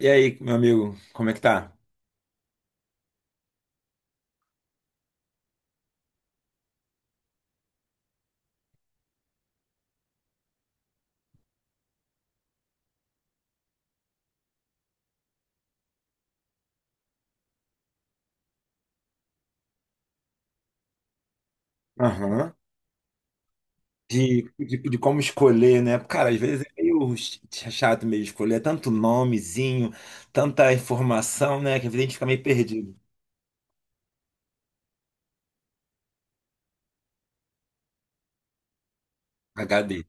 E aí, meu amigo, como é que tá? Aham. De como escolher, né? Cara, às vezes é meio chato meio escolher, é tanto nomezinho, tanta informação, né? Que às vezes a gente fica meio perdido. HD.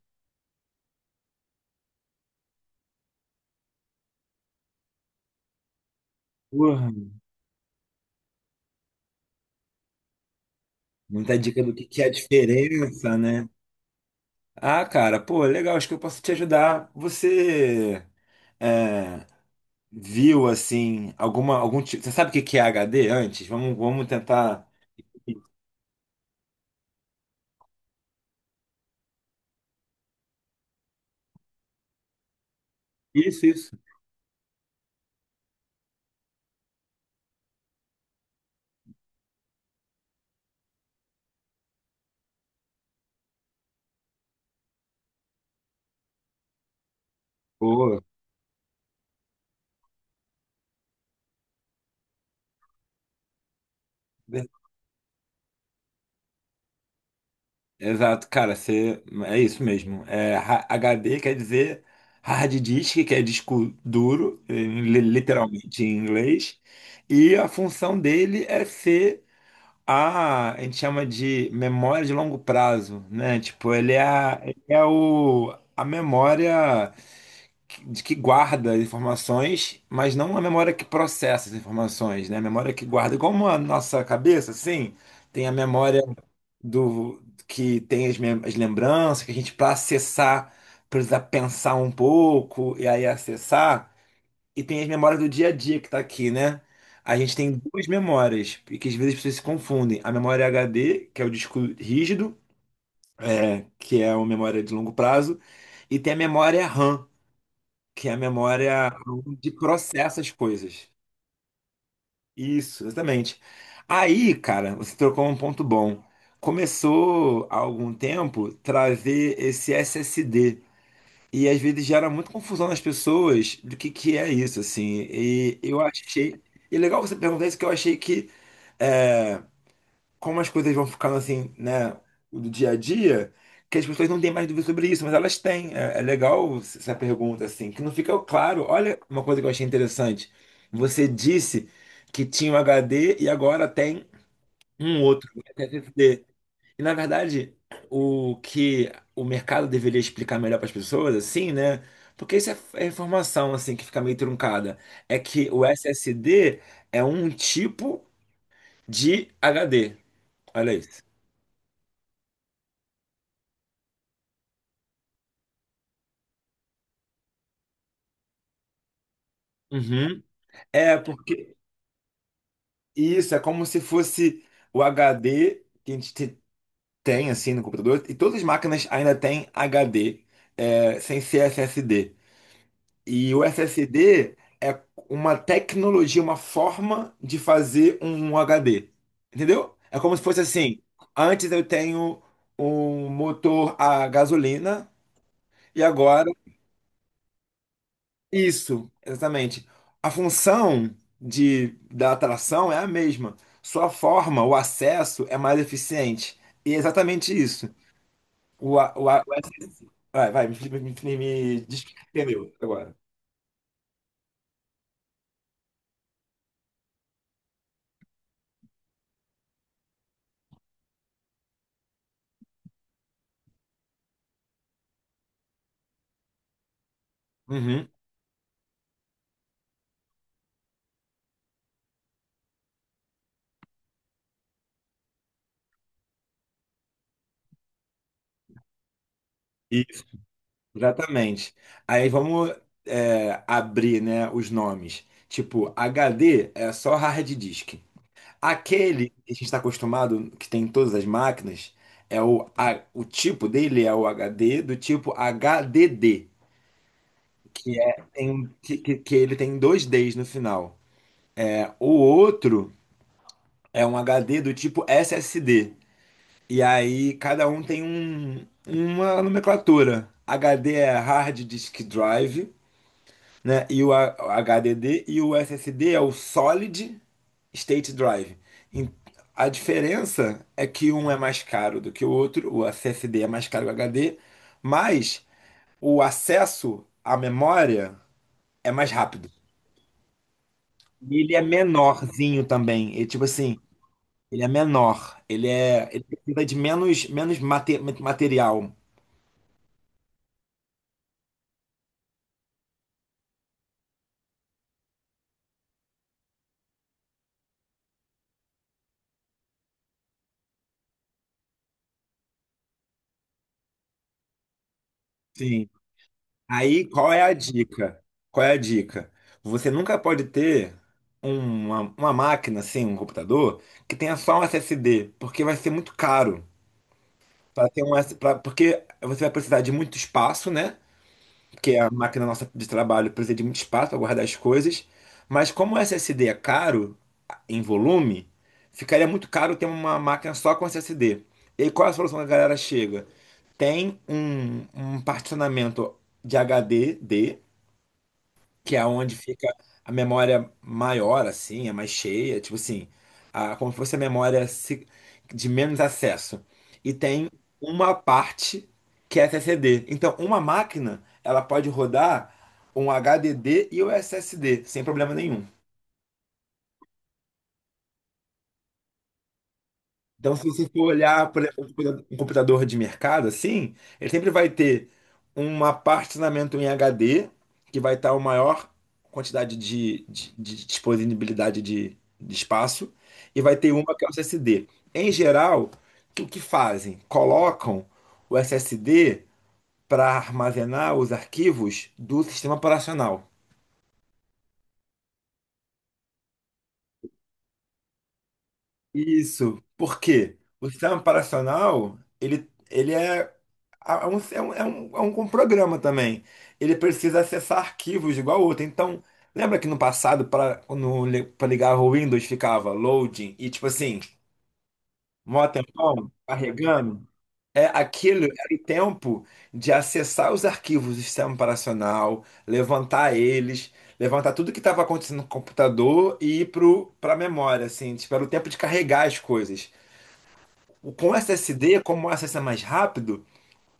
Porra, muita dica do que é a diferença, né? Ah, cara, pô, legal, acho que eu posso te ajudar. Você é, viu, assim, algum tipo. Você sabe o que que é HD antes? Vamos tentar. Isso, isso. Pô. Exato, cara, você, é isso mesmo. É, H D quer dizer hard disk, que é disco duro, literalmente em inglês, e a função dele é ser a gente chama de memória de longo prazo, né? Tipo, ele é a memória de que guarda as informações, mas não a memória que processa as informações, né? A memória que guarda, como a nossa cabeça, assim, tem a memória do que tem as lembranças, que a gente, para acessar, precisa pensar um pouco e aí acessar. E tem as memórias do dia a dia que tá aqui, né? A gente tem duas memórias, e que às vezes as pessoas se confundem. A memória HD, que é o disco rígido, que é uma memória de longo prazo, e tem a memória RAM, que é a memória onde processa as coisas. Isso, exatamente. Aí, cara, você trocou um ponto bom. Começou há algum tempo trazer esse SSD. E às vezes gera muita confusão nas pessoas do que é isso, assim. E eu achei. E é legal você perguntar isso, que eu achei que. eh, Como as coisas vão ficando assim, né, do dia a dia, que as pessoas não têm mais dúvida sobre isso, mas elas têm. É, legal essa pergunta, assim, que não fica claro. Olha uma coisa que eu achei interessante. Você disse que tinha um HD e agora tem um outro, um SSD. E na verdade, o que o mercado deveria explicar melhor para as pessoas, assim, né? Porque isso é informação assim que fica meio truncada. É que o SSD é um tipo de HD. Olha isso. Uhum. É, porque isso é como se fosse o HD que a gente tem assim no computador, e todas as máquinas ainda têm HD, sem ser SSD. E o SSD é uma tecnologia, uma forma de fazer um HD. Entendeu? É como se fosse assim: antes eu tenho um motor a gasolina, e agora. Isso, exatamente. A função da atração é a mesma. Sua forma, o acesso é mais eficiente. E é exatamente isso. O, a- o, a- o ac- vai, vai, me diz o que entendeu agora. Uhum. Isso, exatamente. Aí vamos abrir, né, os nomes. Tipo, HD é só hard disk. Aquele que a gente está acostumado, que tem em todas as máquinas, é o tipo dele é o HD do tipo HDD, que é tem, um, que ele tem dois Ds no final. É, o outro é um HD do tipo SSD. E aí cada um tem uma nomenclatura. HD é Hard Disk Drive, né? E o HDD e o SSD é o Solid State Drive. Em- A diferença é que um é mais caro do que o outro, o SSD é mais caro que o HD, mas o acesso à memória é mais rápido. E ele é menorzinho também. Ele, tipo assim, ele é menor. Ele precisa de menos material. Sim. Aí, qual é a dica? Qual é a dica? Você nunca pode ter uma máquina, assim, um computador, que tenha só um SSD, porque vai ser muito caro. Pra ter um, S pra, porque você vai precisar de muito espaço, né? Porque a máquina nossa de trabalho precisa de muito espaço para guardar as coisas. Mas como o SSD é caro em volume, ficaria muito caro ter uma máquina só com SSD. E aí, qual é a solução que a galera chega? Tem um particionamento de HD que é onde fica a memória maior, assim, é mais cheia, tipo assim, como se fosse a memória de menos acesso. E tem uma parte que é SSD. Então, uma máquina, ela pode rodar um HDD e o SSD, sem problema nenhum. Então, se você for olhar, por exemplo, um computador de mercado, assim, ele sempre vai ter um armazenamento em HD, que vai estar a maior quantidade de disponibilidade de espaço, e vai ter uma que é o SSD. Em geral, o que fazem? Colocam o SSD para armazenar os arquivos do sistema operacional. Isso. Por quê? O sistema operacional, ele é, é um, é um, é um, é um programa também. Ele precisa acessar arquivos igual outro. Então, lembra que no passado, para ligar o Windows, ficava loading e tipo assim, mó tempão, carregando? É, aquilo era o tempo de acessar os arquivos do sistema operacional, levantar eles, levantar tudo que estava acontecendo no computador e ir para a memória, assim, tipo, era o tempo de carregar as coisas. Com o SSD, como o acesso é mais rápido,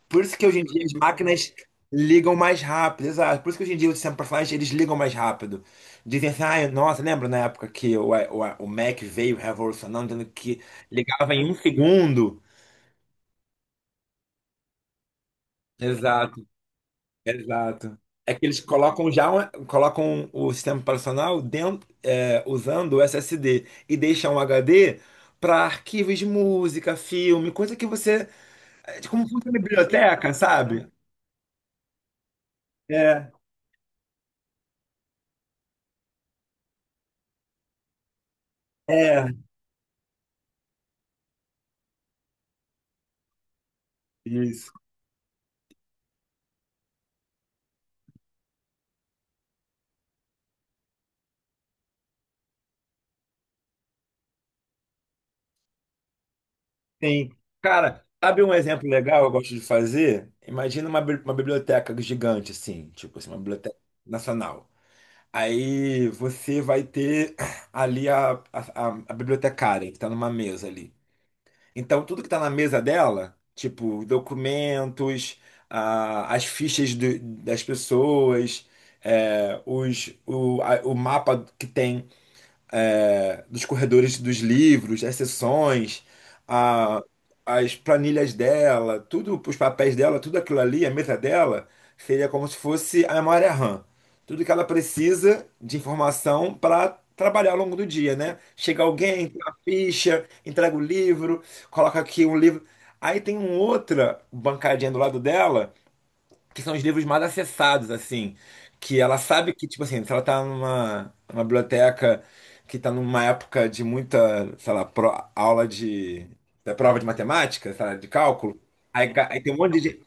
por isso que hoje em dia as máquinas ligam mais rápido, exato. Por isso que hoje em dia os sistemas personagens eles ligam mais rápido. Dizem assim, ai, nossa, lembra na época que o Mac veio revolucionando, dizendo que ligava em um segundo? Exato, exato. É que eles colocam já colocam o sistema operacional dentro, usando o SSD e deixam o HD para arquivos de música, filme, coisa que você. Como funciona biblioteca, sabe? É. É, isso. Sim. Cara, sabe um exemplo legal que eu gosto de fazer? Imagina uma biblioteca gigante, assim, tipo assim, uma biblioteca nacional. Aí você vai ter ali a bibliotecária, que está numa mesa ali. Então, tudo que está na mesa dela, tipo documentos, as fichas das pessoas, o mapa que tem dos corredores dos livros, as sessões, a- as planilhas dela, tudo, os papéis dela, tudo aquilo ali, a mesa dela, seria como se fosse a memória RAM. Tudo que ela precisa de informação para trabalhar ao longo do dia, né? Chega alguém, tem uma ficha, entrega o livro, coloca aqui um livro. Aí tem uma outra bancadinha do lado dela que são os livros mais acessados, assim. Que ela sabe que, tipo assim, se ela tá numa biblioteca que tá numa época de muita, sei lá, aula de, da prova de matemática, sei lá, de cálculo, aí tem um monte de.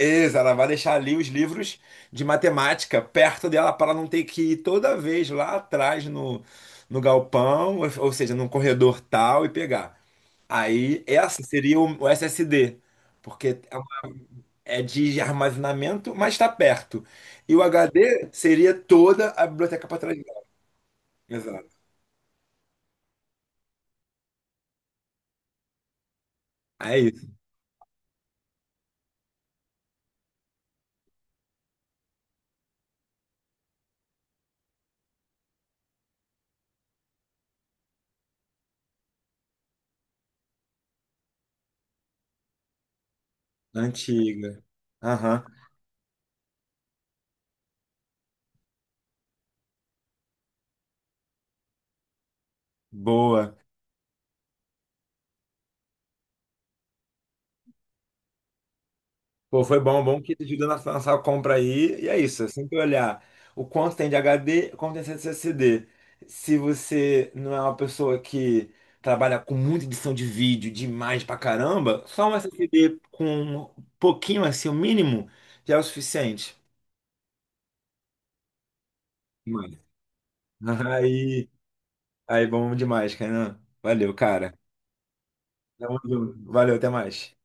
Isso, ela vai deixar ali os livros de matemática perto dela para ela não ter que ir toda vez lá atrás no, no galpão, ou seja, num corredor tal e pegar. Aí essa seria o SSD, porque é de armazenamento, mas está perto. E o HD seria toda a biblioteca para trás dela. Exato. É isso. Antiga. Aham. Boa. Pô, foi bom, bom que te ajudou na sua compra aí. E é isso. Sempre olhar o quanto tem de HD, quanto tem de SSD. Se você não é uma pessoa que trabalha com muita edição de vídeo, de imagem pra caramba, só um SSD com um pouquinho assim, o mínimo, já é o suficiente. Mano. Aí. Aí, bom demais, Kainan. Valeu, cara. Tamo junto. Valeu, até mais.